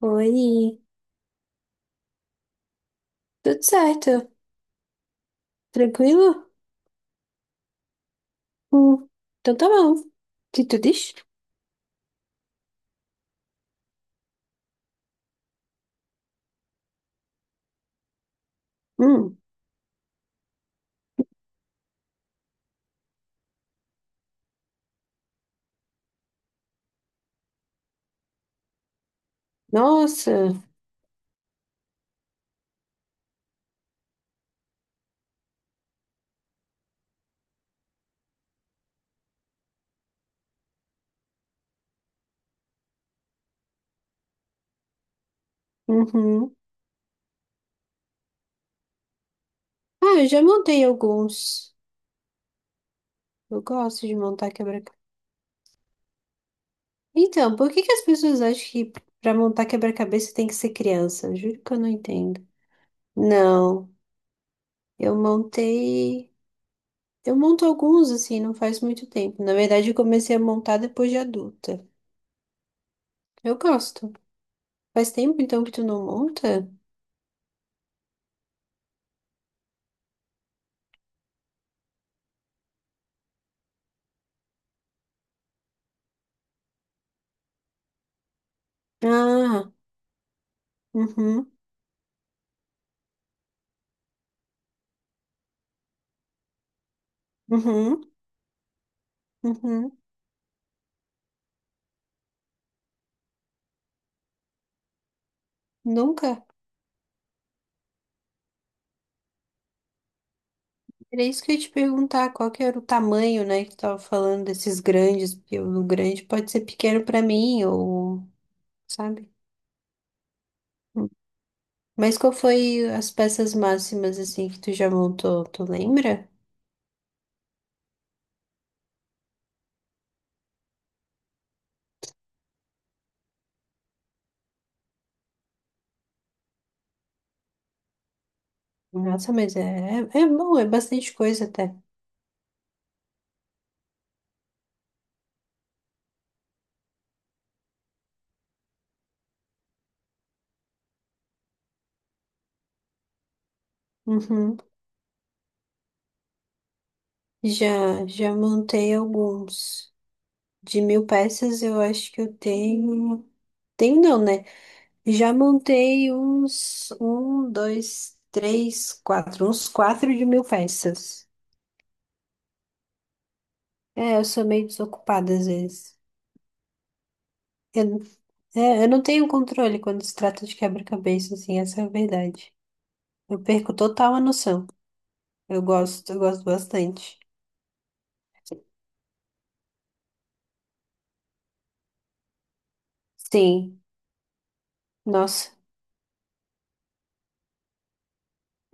Oi, tudo certo? Tranquilo? Hum, então tá bom. O que tu diz? Hum, nossa, uhum. Ah, eu já montei alguns. Eu gosto de montar quebra-cabeça. Então, por que que as pessoas acham que pra montar quebra-cabeça tem que ser criança? Juro que eu não entendo. Não, eu montei. Eu monto alguns assim, não faz muito tempo. Na verdade, eu comecei a montar depois de adulta. Eu gosto. Faz tempo então que tu não monta? Ah, uhum. Uhum, uhum. Nunca. Era isso que eu ia te perguntar, qual que era o tamanho, né, que tu tava falando desses grandes, porque o grande pode ser pequeno pra mim, ou, sabe? Hum. Mas qual foi as peças máximas, assim, que tu já montou, tu lembra? Nossa, mas é bom, é bastante coisa até. Uhum. Já montei alguns. De 1.000 peças, eu acho que eu tenho... Tenho não, né? Já montei uns um, dois, três, quatro, uns quatro de 1.000 peças. É, eu sou meio desocupada às vezes. Eu, é, eu não tenho controle quando se trata de quebra-cabeça, assim, essa é a verdade. Eu perco total a noção. Eu gosto bastante. Sim, nossa.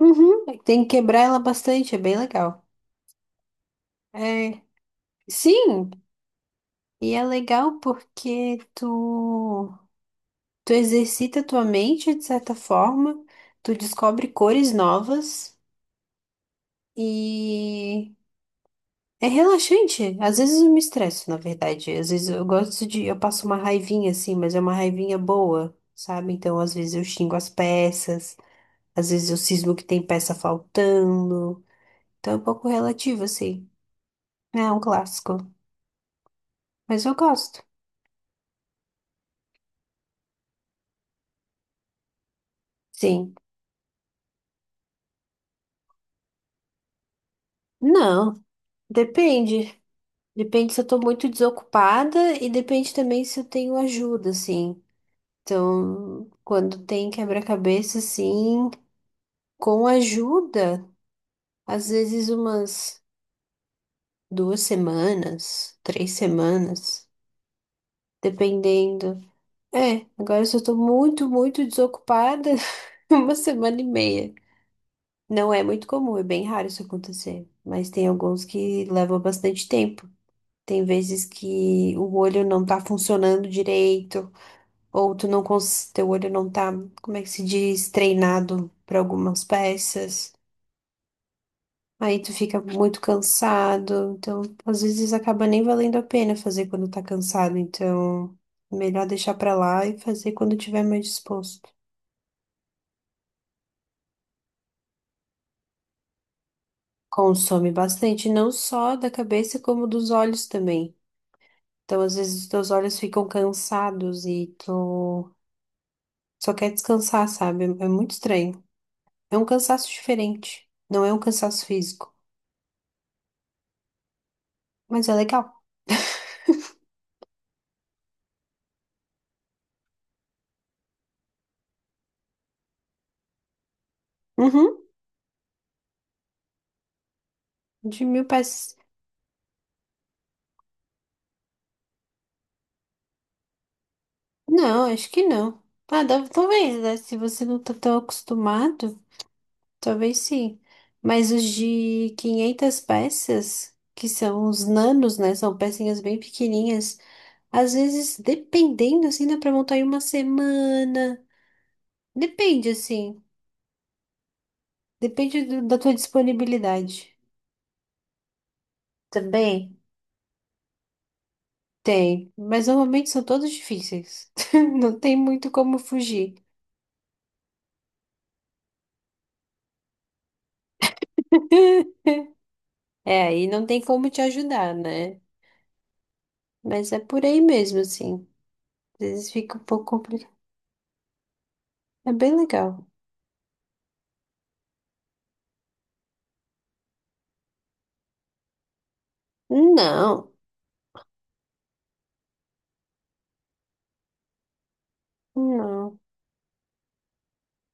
Uhum, tem que quebrar ela bastante, é bem legal. É, sim, e é legal porque tu exercita tua mente de certa forma, tu descobre cores novas e é relaxante. Às vezes eu me estresso, na verdade. Às vezes eu gosto de, eu passo uma raivinha assim, mas é uma raivinha boa, sabe? Então às vezes eu xingo as peças, às vezes eu cismo que tem peça faltando. Então é um pouco relativo assim. É um clássico, mas eu gosto. Sim. Não, depende. Depende se eu tô muito desocupada e depende também se eu tenho ajuda, assim. Então, quando tem quebra-cabeça, assim, com ajuda, às vezes umas 2 semanas, 3 semanas, dependendo. É, agora se eu tô muito, muito desocupada, uma semana e meia. Não é muito comum, é bem raro isso acontecer, mas tem alguns que levam bastante tempo. Tem vezes que o olho não tá funcionando direito, ou tu não cons... teu olho não tá, como é que se diz, treinado para algumas peças. Aí tu fica muito cansado, então às vezes acaba nem valendo a pena fazer quando tá cansado, então melhor deixar pra lá e fazer quando tiver mais disposto. Consome bastante, não só da cabeça, como dos olhos também. Então às vezes os teus olhos ficam cansados e tu só quer descansar, sabe? É muito estranho. É um cansaço diferente, não é um cansaço físico, mas é legal. Uhum, de 1.000 peças. Não, acho que não. Ah, talvez, né? Se você não tá tão acostumado, talvez sim. Mas os de 500 peças, que são os nanos, né? São pecinhas bem pequenininhas. Às vezes, dependendo, assim, dá pra montar em uma semana. Depende, assim. Depende da tua disponibilidade. Também? Tem. Mas normalmente são todos difíceis. Não tem muito como fugir. É, aí não tem como te ajudar, né? Mas é por aí mesmo, assim. Às vezes fica um pouco complicado. É bem legal. Não, não,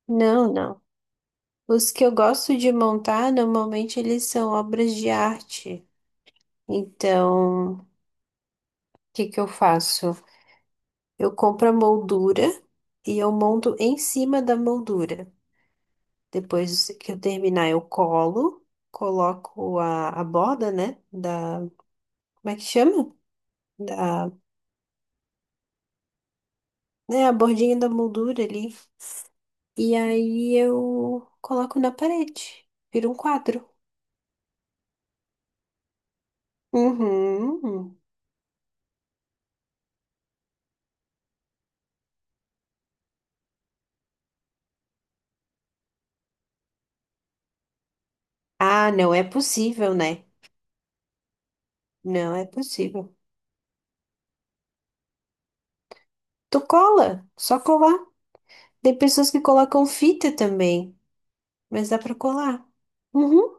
não, não. Os que eu gosto de montar, normalmente eles são obras de arte. Então, o que que eu faço? Eu compro a moldura e eu monto em cima da moldura. Depois que eu terminar, eu colo, coloco a borda, né? Da, como é que chama? Da, né, a bordinha da moldura ali. E aí eu coloco na parede. Vira um quadro. Uhum. Ah, não é possível, né? Não é possível. Tu cola, só colar. Tem pessoas que colocam fita também, mas dá pra colar. Uhum.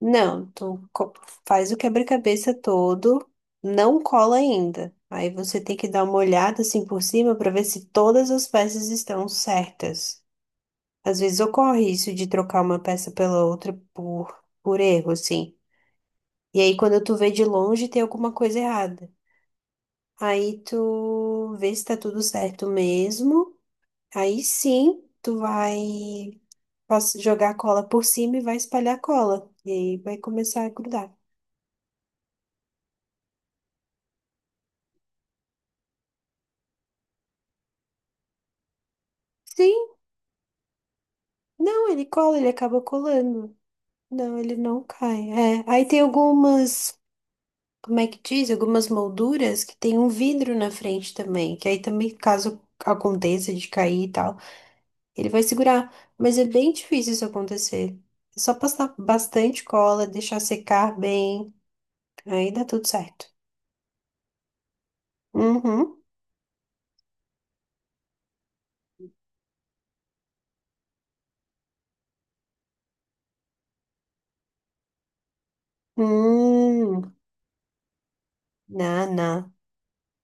Não, faz o quebra-cabeça todo, não cola ainda. Aí você tem que dar uma olhada assim por cima pra ver se todas as peças estão certas. Às vezes ocorre isso de trocar uma peça pela outra por erro, assim. E aí, quando tu vê de longe, tem alguma coisa errada. Aí tu vê se tá tudo certo mesmo. Aí sim, tu vai jogar a cola por cima e vai espalhar a cola. E aí vai começar a grudar. Sim, não, ele cola, ele acaba colando. Não, ele não cai. É, aí tem algumas, como é que diz? Algumas molduras que tem um vidro na frente também. Que aí também, caso aconteça de cair e tal. Ele vai segurar, mas é bem difícil isso acontecer. É só passar bastante cola, deixar secar bem, aí dá tudo certo. Uhum. Hum. Não, não.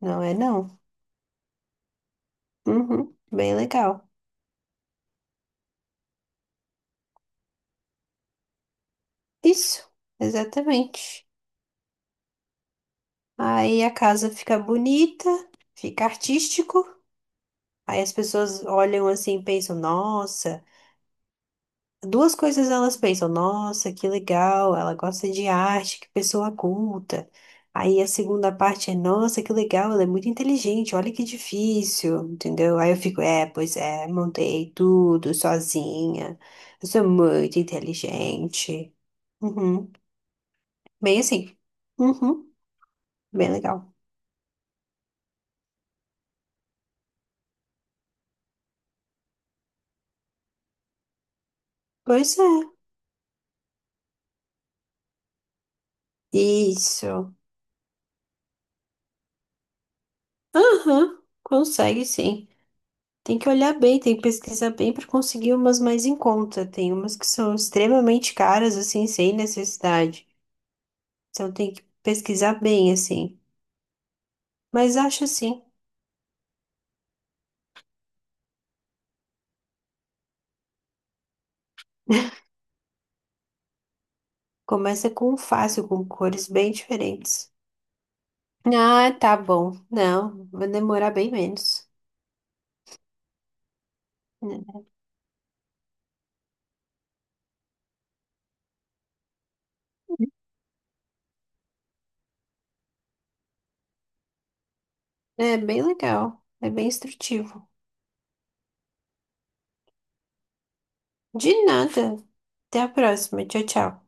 Não é não. Uhum. Bem legal. Isso, exatamente. Aí a casa fica bonita, fica artístico. Aí as pessoas olham assim e pensam, nossa. Duas coisas elas pensam, nossa, que legal, ela gosta de arte, que pessoa culta. Aí a segunda parte é, nossa, que legal, ela é muito inteligente, olha que difícil, entendeu? Aí eu fico, é, pois é, montei tudo sozinha, eu sou muito inteligente. Uhum. Bem assim, uhum. Bem legal. Pois é, isso. Aham, consegue sim. Tem que olhar bem, tem que pesquisar bem para conseguir umas mais em conta. Tem umas que são extremamente caras, assim, sem necessidade. Então tem que pesquisar bem, assim. Mas acho assim, começa com um fácil, com cores bem diferentes. Ah, tá bom. Não, vai demorar bem menos. É bem legal, é bem instrutivo. De nada. Até a próxima. Tchau, tchau.